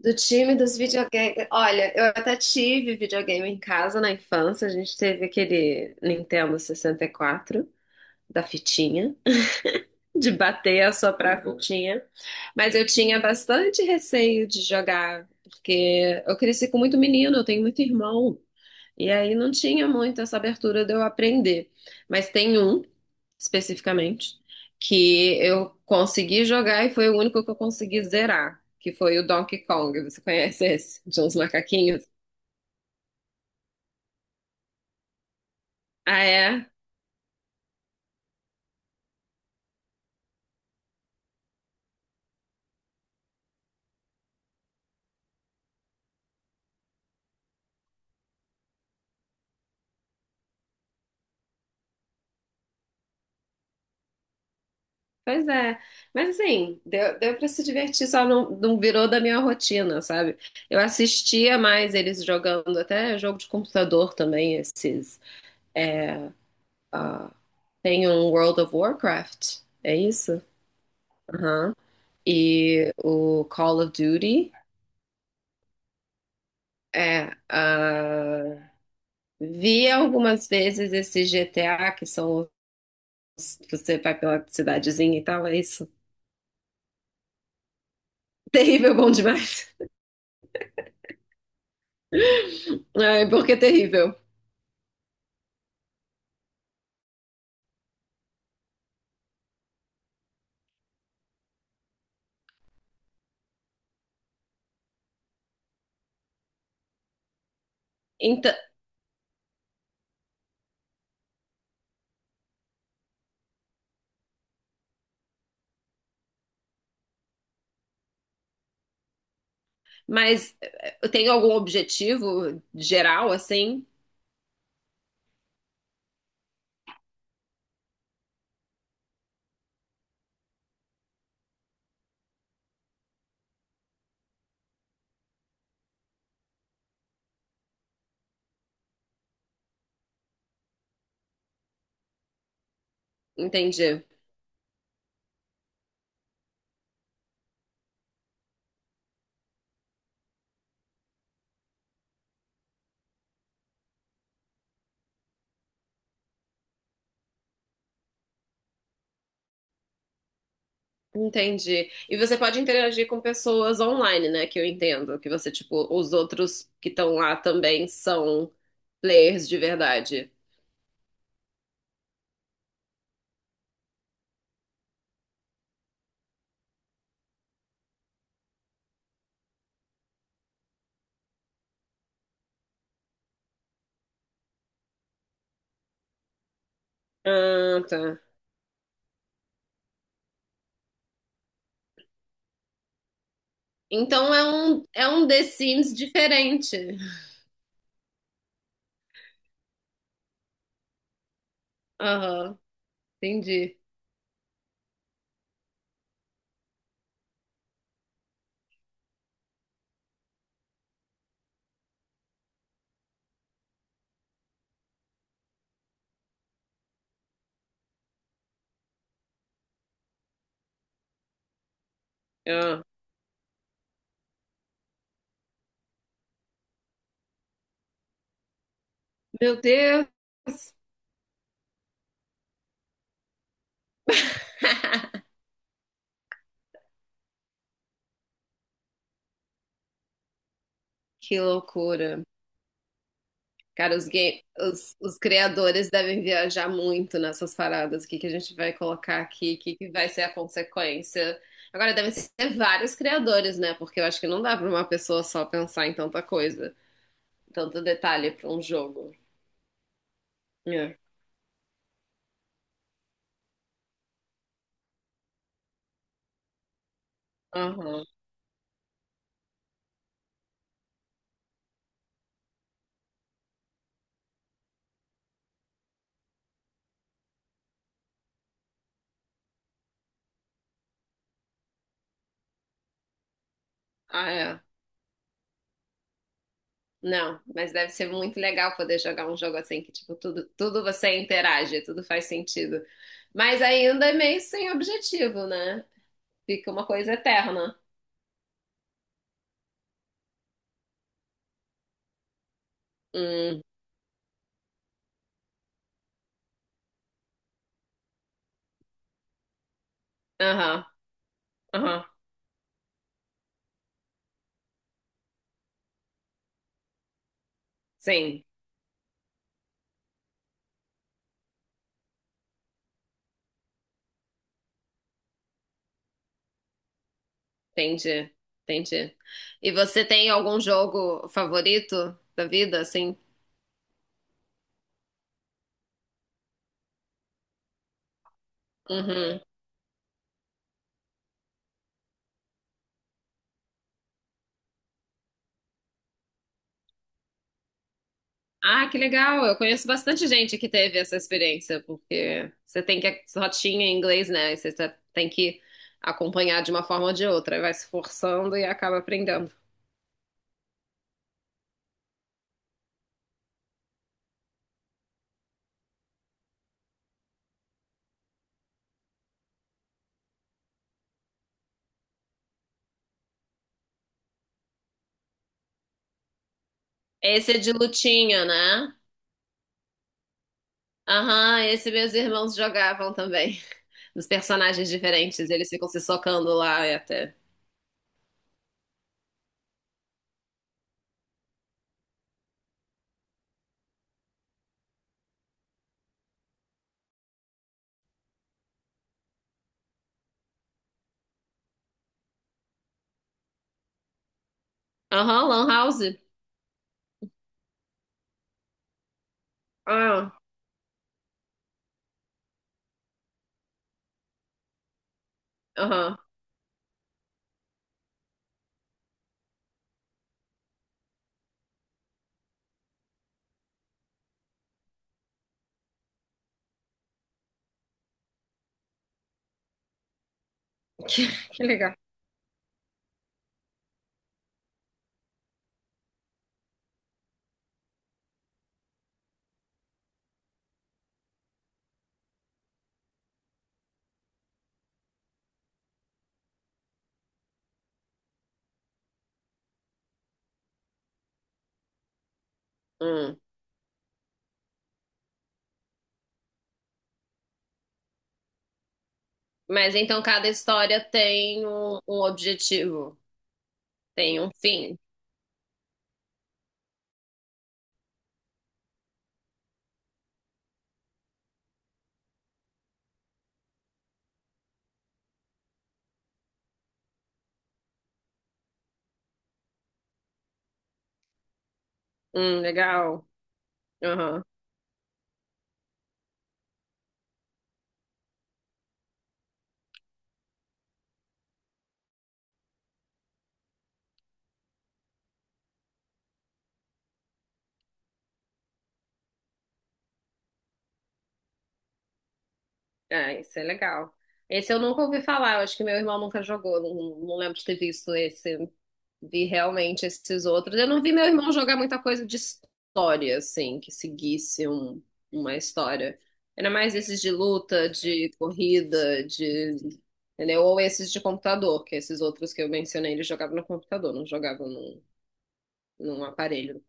Do time dos videogames. Olha, eu até tive videogame em casa na infância. A gente teve aquele Nintendo 64 da fitinha, de bater, assoprar a, uhum, fitinha. Mas eu tinha bastante receio de jogar, porque eu cresci com muito menino, eu tenho muito irmão. E aí não tinha muito essa abertura de eu aprender. Mas tem um, especificamente, que eu consegui jogar e foi o único que eu consegui zerar, que foi o Donkey Kong. Você conhece esse? De uns macaquinhos? Ah, é? Pois é. Mas assim, deu pra se divertir, só não virou da minha rotina, sabe? Eu assistia mais eles jogando, até jogo de computador também, esses. Ah, tem um World of Warcraft, é isso? Aham. E o Call of Duty. É, ah, vi algumas vezes esse GTA, que são os, você vai pela cidadezinha e tal, é isso. Terrível, bom demais. Ai, porque é terrível. Então, mas tem algum objetivo geral, assim? Entendi. Entendi. E você pode interagir com pessoas online, né? Que eu entendo. Que você, tipo, os outros que estão lá também são players de verdade. Ah, tá. Então é um The Sims diferente. Aham, entendi. Ah, Meu Deus, que loucura. Cara, os criadores devem viajar muito nessas paradas. O que que a gente vai colocar aqui? O que que vai ser a consequência? Agora, devem ser vários criadores, né? Porque eu acho que não dá para uma pessoa só pensar em tanta coisa, tanto detalhe para um jogo. É. Aham. Ah, é. Não, mas deve ser muito legal poder jogar um jogo assim que, tipo, tudo, tudo você interage, tudo faz sentido. Mas ainda é meio sem objetivo, né? Fica uma coisa eterna. Hum, aham, aham. Sim, entendi, entendi. E você tem algum jogo favorito da vida, assim? Uhum. Ah, que legal! Eu conheço bastante gente que teve essa experiência, porque você tem que rotinha em inglês, né? E você tem que acompanhar de uma forma ou de outra. Aí vai se forçando e acaba aprendendo. Esse é de lutinha, né? Aham, esse meus irmãos jogavam também. Dos personagens diferentes, eles ficam se socando lá e até. Aham, Lan House. Ah, aham. Que, que legal. Hum. Mas então cada história tem um objetivo, tem um fim. Legal. Aham. É, isso é legal. Esse eu nunca ouvi falar, eu acho que meu irmão nunca jogou, não, não lembro de ter visto esse. Vi realmente esses outros. Eu não vi meu irmão jogar muita coisa de história, assim, que seguisse uma história. Era mais esses de luta, de corrida, de. Entendeu? Ou esses de computador, que esses outros que eu mencionei, eles jogavam no computador, não jogavam num aparelho.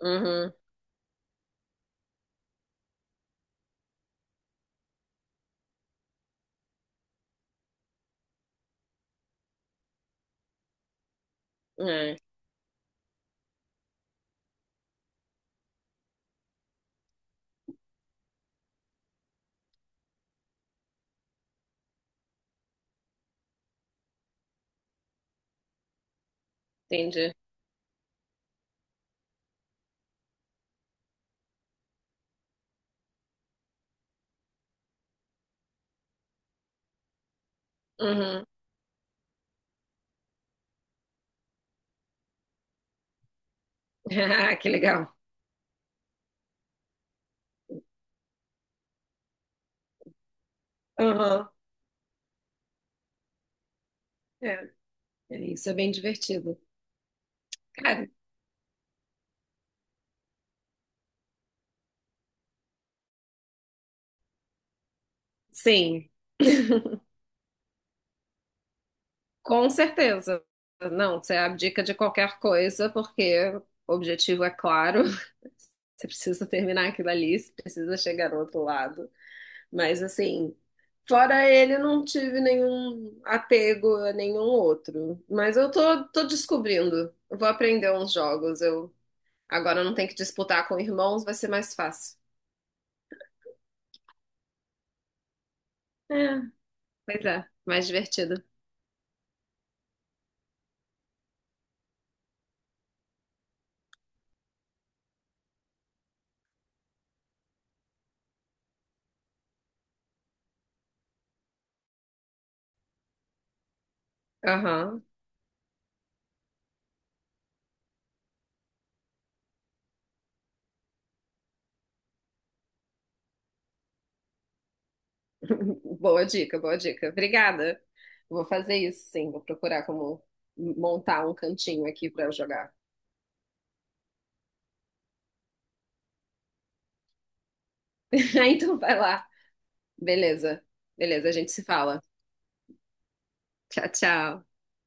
Uhum, é, entendi. Uhum. Ah, que legal. Uhum. É. Isso é bem divertido. Cara, sim, com certeza. Não, você abdica de qualquer coisa, porque o objetivo é claro. Você precisa terminar aquilo ali, você precisa chegar ao outro lado. Mas, assim, fora ele, não tive nenhum apego a nenhum outro. Mas eu tô descobrindo. Eu vou aprender uns jogos. Eu agora eu não tenho que disputar com irmãos, vai ser mais fácil. É, pois é, mais divertido. Aham. Boa dica, boa dica. Obrigada. Vou fazer isso, sim. Vou procurar como montar um cantinho aqui para eu jogar. Então vai lá. Beleza. Beleza, a gente se fala. Tchau, tchau.